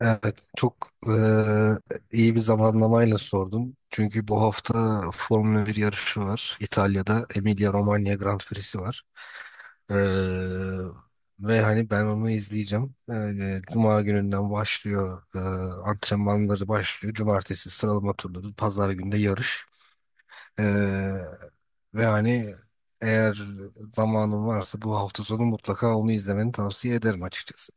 Evet, çok iyi bir zamanlamayla sordum. Çünkü bu hafta Formula bir yarışı var. İtalya'da Emilia-Romagna Grand Prix'si var. Eee, ve hani ben onu izleyeceğim. Cuma gününden başlıyor. Antrenmanları başlıyor. Cumartesi sıralama turları. Pazar günde yarış. Eee, ve hani eğer zamanın varsa bu hafta sonu mutlaka onu izlemeni tavsiye ederim açıkçası.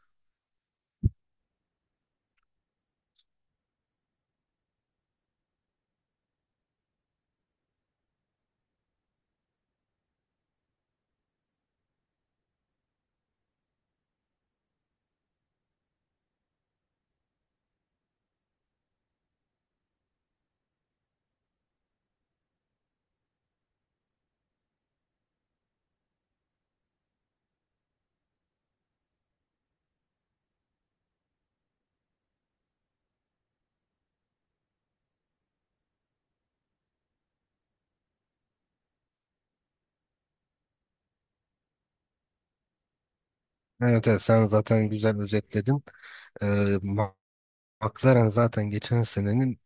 Evet, evet sen zaten güzel özetledin. Ee, McLaren zaten geçen senenin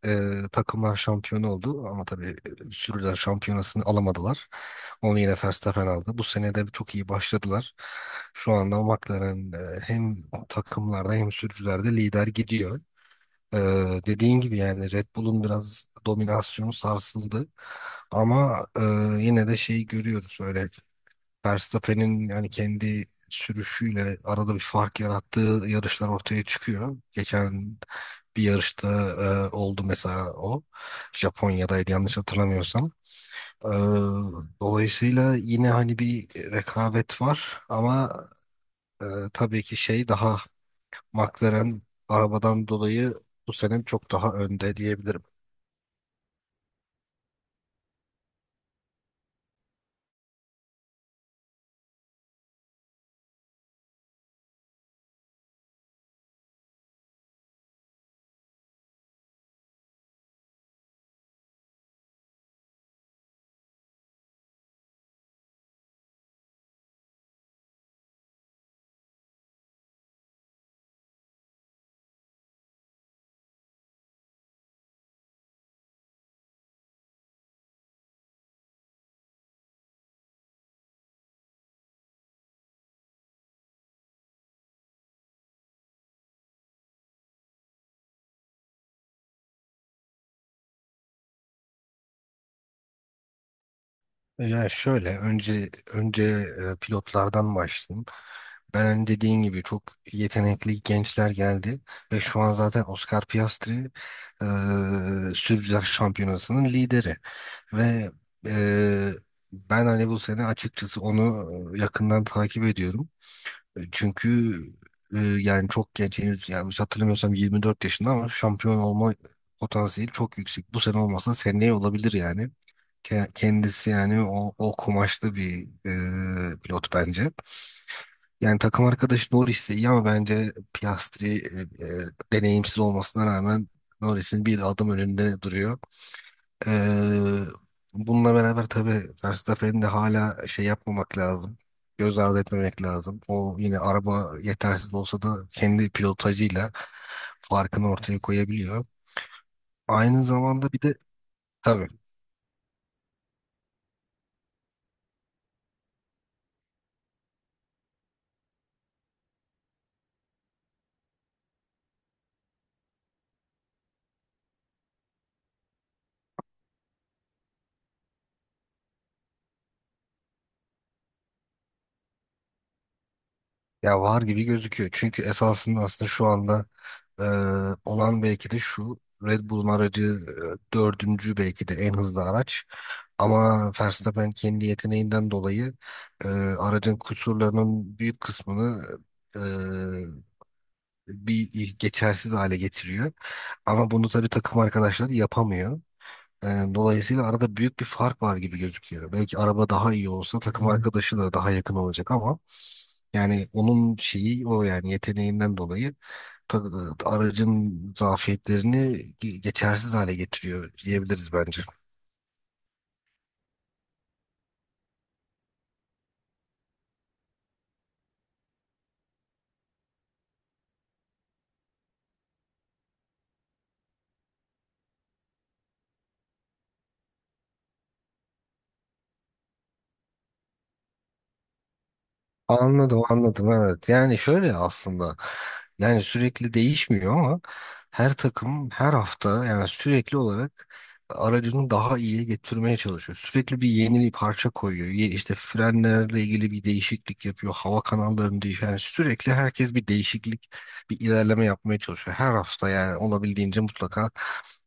takımlar şampiyonu oldu ama tabii sürücüler şampiyonasını alamadılar. Onu yine Verstappen aldı. Bu sene de çok iyi başladılar. Şu anda McLaren hem takımlarda hem sürücülerde lider gidiyor. E, dediğin gibi yani Red Bull'un biraz dominasyonu sarsıldı. Ama yine de şeyi görüyoruz böyle Verstappen'in yani kendi sürüşüyle arada bir fark yarattığı yarışlar ortaya çıkıyor. Geçen bir yarışta oldu mesela o. Japonya'daydı yanlış hatırlamıyorsam. E, dolayısıyla yine hani bir rekabet var ama e, tabii ki şey daha McLaren arabadan dolayı bu sene çok daha önde diyebilirim. Yani şöyle önce pilotlardan başlayayım. Ben hani dediğin gibi çok yetenekli gençler geldi ve şu an zaten Oscar Piastri eee Sürücüler Şampiyonası'nın lideri ve eee, ben hani bu sene açıkçası onu yakından takip ediyorum. Çünkü yani çok genç henüz yanlış hatırlamıyorsam 24 yaşında ama şampiyon olma potansiyeli çok yüksek. Bu sene olmasa seneye olabilir yani. Kendisi yani o kumaşlı bir pilot bence. Yani takım arkadaşı Norris de iyi ama bence Piastri deneyimsiz olmasına rağmen Norris'in bir adım önünde duruyor. E, bununla beraber tabii Verstappen'in de hala şey yapmamak lazım. Göz ardı etmemek lazım. O yine araba yetersiz olsa da kendi pilotajıyla farkını ortaya koyabiliyor. Aynı zamanda bir de tabii ya var gibi gözüküyor. Çünkü esasında aslında şu anda Ee, olan belki de şu Red Bull'un aracı dördüncü belki de en hızlı araç. Ama Verstappen kendi yeteneğinden dolayı aracın kusurlarının büyük kısmını e, bir geçersiz hale getiriyor. Ama bunu tabii takım arkadaşları yapamıyor. E, dolayısıyla arada büyük bir fark var gibi gözüküyor. Belki araba daha iyi olsa takım arkadaşı da daha yakın olacak ama yani onun şeyi o yani yeteneğinden dolayı ta- aracın zafiyetlerini geçersiz hale getiriyor diyebiliriz bence. Anladım, anladım evet. Yani şöyle aslında yani sürekli değişmiyor ama her takım her hafta yani sürekli olarak aracını daha iyiye getirmeye çalışıyor. Sürekli bir yeni bir parça koyuyor. İşte frenlerle ilgili bir değişiklik yapıyor. Hava kanallarını değişiyor. Yani sürekli herkes bir değişiklik, bir ilerleme yapmaya çalışıyor. Her hafta yani olabildiğince mutlaka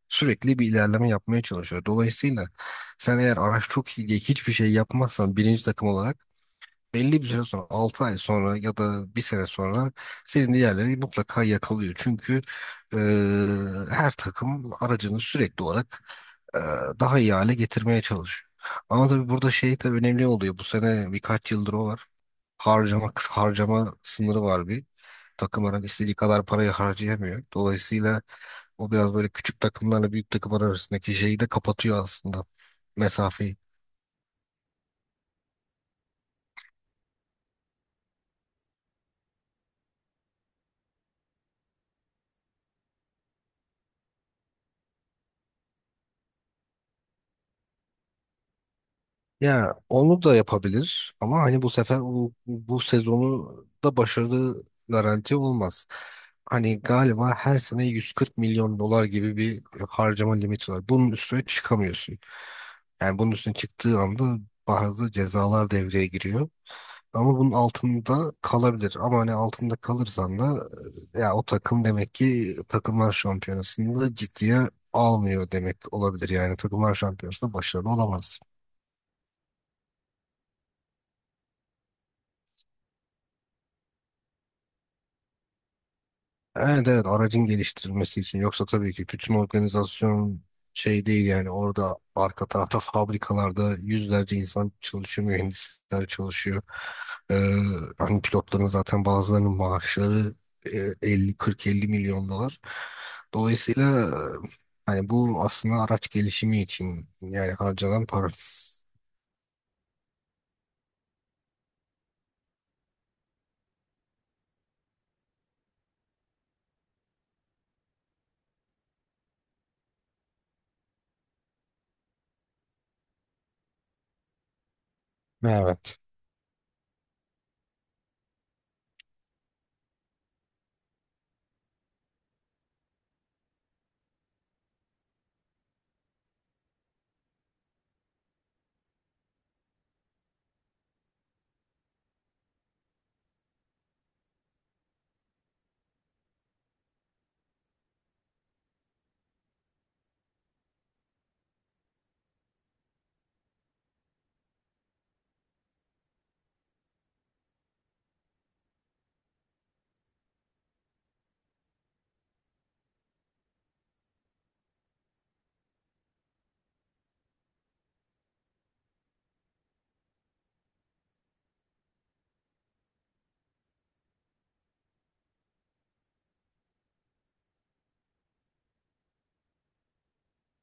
sürekli bir ilerleme yapmaya çalışıyor. Dolayısıyla sen eğer araç çok iyi diye hiçbir şey yapmazsan birinci takım olarak belli bir süre sonra 6 ay sonra ya da bir sene sonra senin diğerleri mutlaka yakalıyor. Çünkü e, her takım aracını sürekli olarak e, daha iyi hale getirmeye çalışıyor. Ama tabii burada şey de önemli oluyor. Bu sene birkaç yıldır o var. Harcama sınırı var bir. Takımların istediği kadar parayı harcayamıyor. Dolayısıyla o biraz böyle küçük takımlarla büyük takımlar arasındaki şeyi de kapatıyor aslında mesafeyi. Ya onu da yapabilir ama hani bu sefer o, bu sezonu da başarılı garanti olmaz. Hani galiba her sene 140 milyon dolar gibi bir harcama limiti var. Bunun üstüne çıkamıyorsun. Yani bunun üstüne çıktığı anda bazı cezalar devreye giriyor. Ama bunun altında kalabilir. Ama hani altında kalırsan da ya o takım demek ki takımlar şampiyonasında ciddiye almıyor demek olabilir. Yani takımlar şampiyonasında başarılı olamaz. Evet evet aracın geliştirilmesi için. Yoksa tabii ki bütün organizasyon şey değil yani orada arka tarafta fabrikalarda yüzlerce insan çalışıyor, mühendisler çalışıyor. Ee, hani pilotların zaten bazılarının maaşları 50 40-50 milyon dolar. Dolayısıyla hani bu aslında araç gelişimi için yani harcanan para. Evet.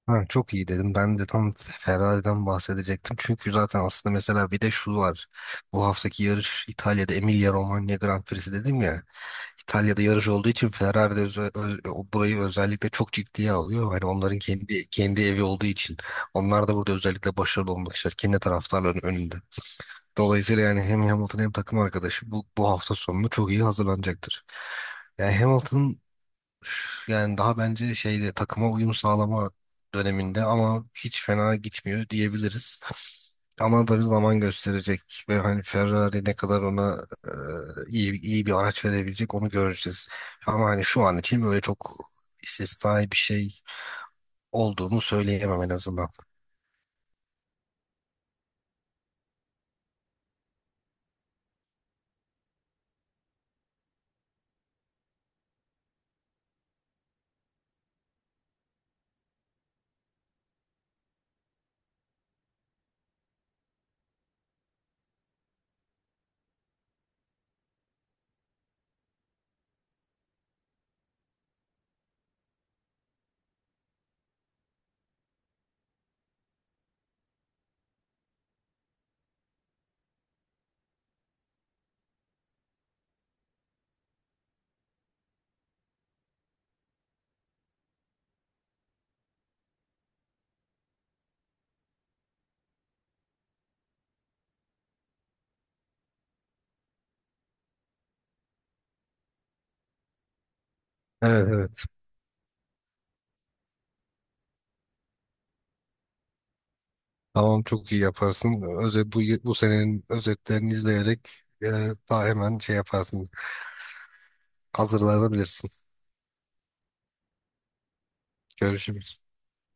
Ha, çok iyi dedim. Ben de tam Ferrari'den bahsedecektim. Çünkü zaten aslında mesela bir de şu var. Bu haftaki yarış İtalya'da Emilia-Romagna Grand Prix'si dedim ya. İtalya'da yarış olduğu için Ferrari de burayı özellikle çok ciddiye alıyor. Hani onların kendi evi olduğu için. Onlar da burada özellikle başarılı olmak ister. Kendi taraftarların önünde. Dolayısıyla yani hem Hamilton hem takım arkadaşı bu hafta sonunu çok iyi hazırlanacaktır. Yani Hamilton yani daha bence şeyde takıma uyum sağlama döneminde ama hiç fena gitmiyor diyebiliriz. Ama tabii zaman gösterecek ve hani Ferrari ne kadar ona iyi iyi bir araç verebilecek onu göreceğiz. Ama hani şu an için böyle çok istisnai bir şey olduğunu söyleyemem en azından. Evet evet. Tamam çok iyi yaparsın. Özet, bu senenin özetlerini izleyerek e, daha hemen şey yaparsın. Hazırlanabilirsin. Görüşürüz.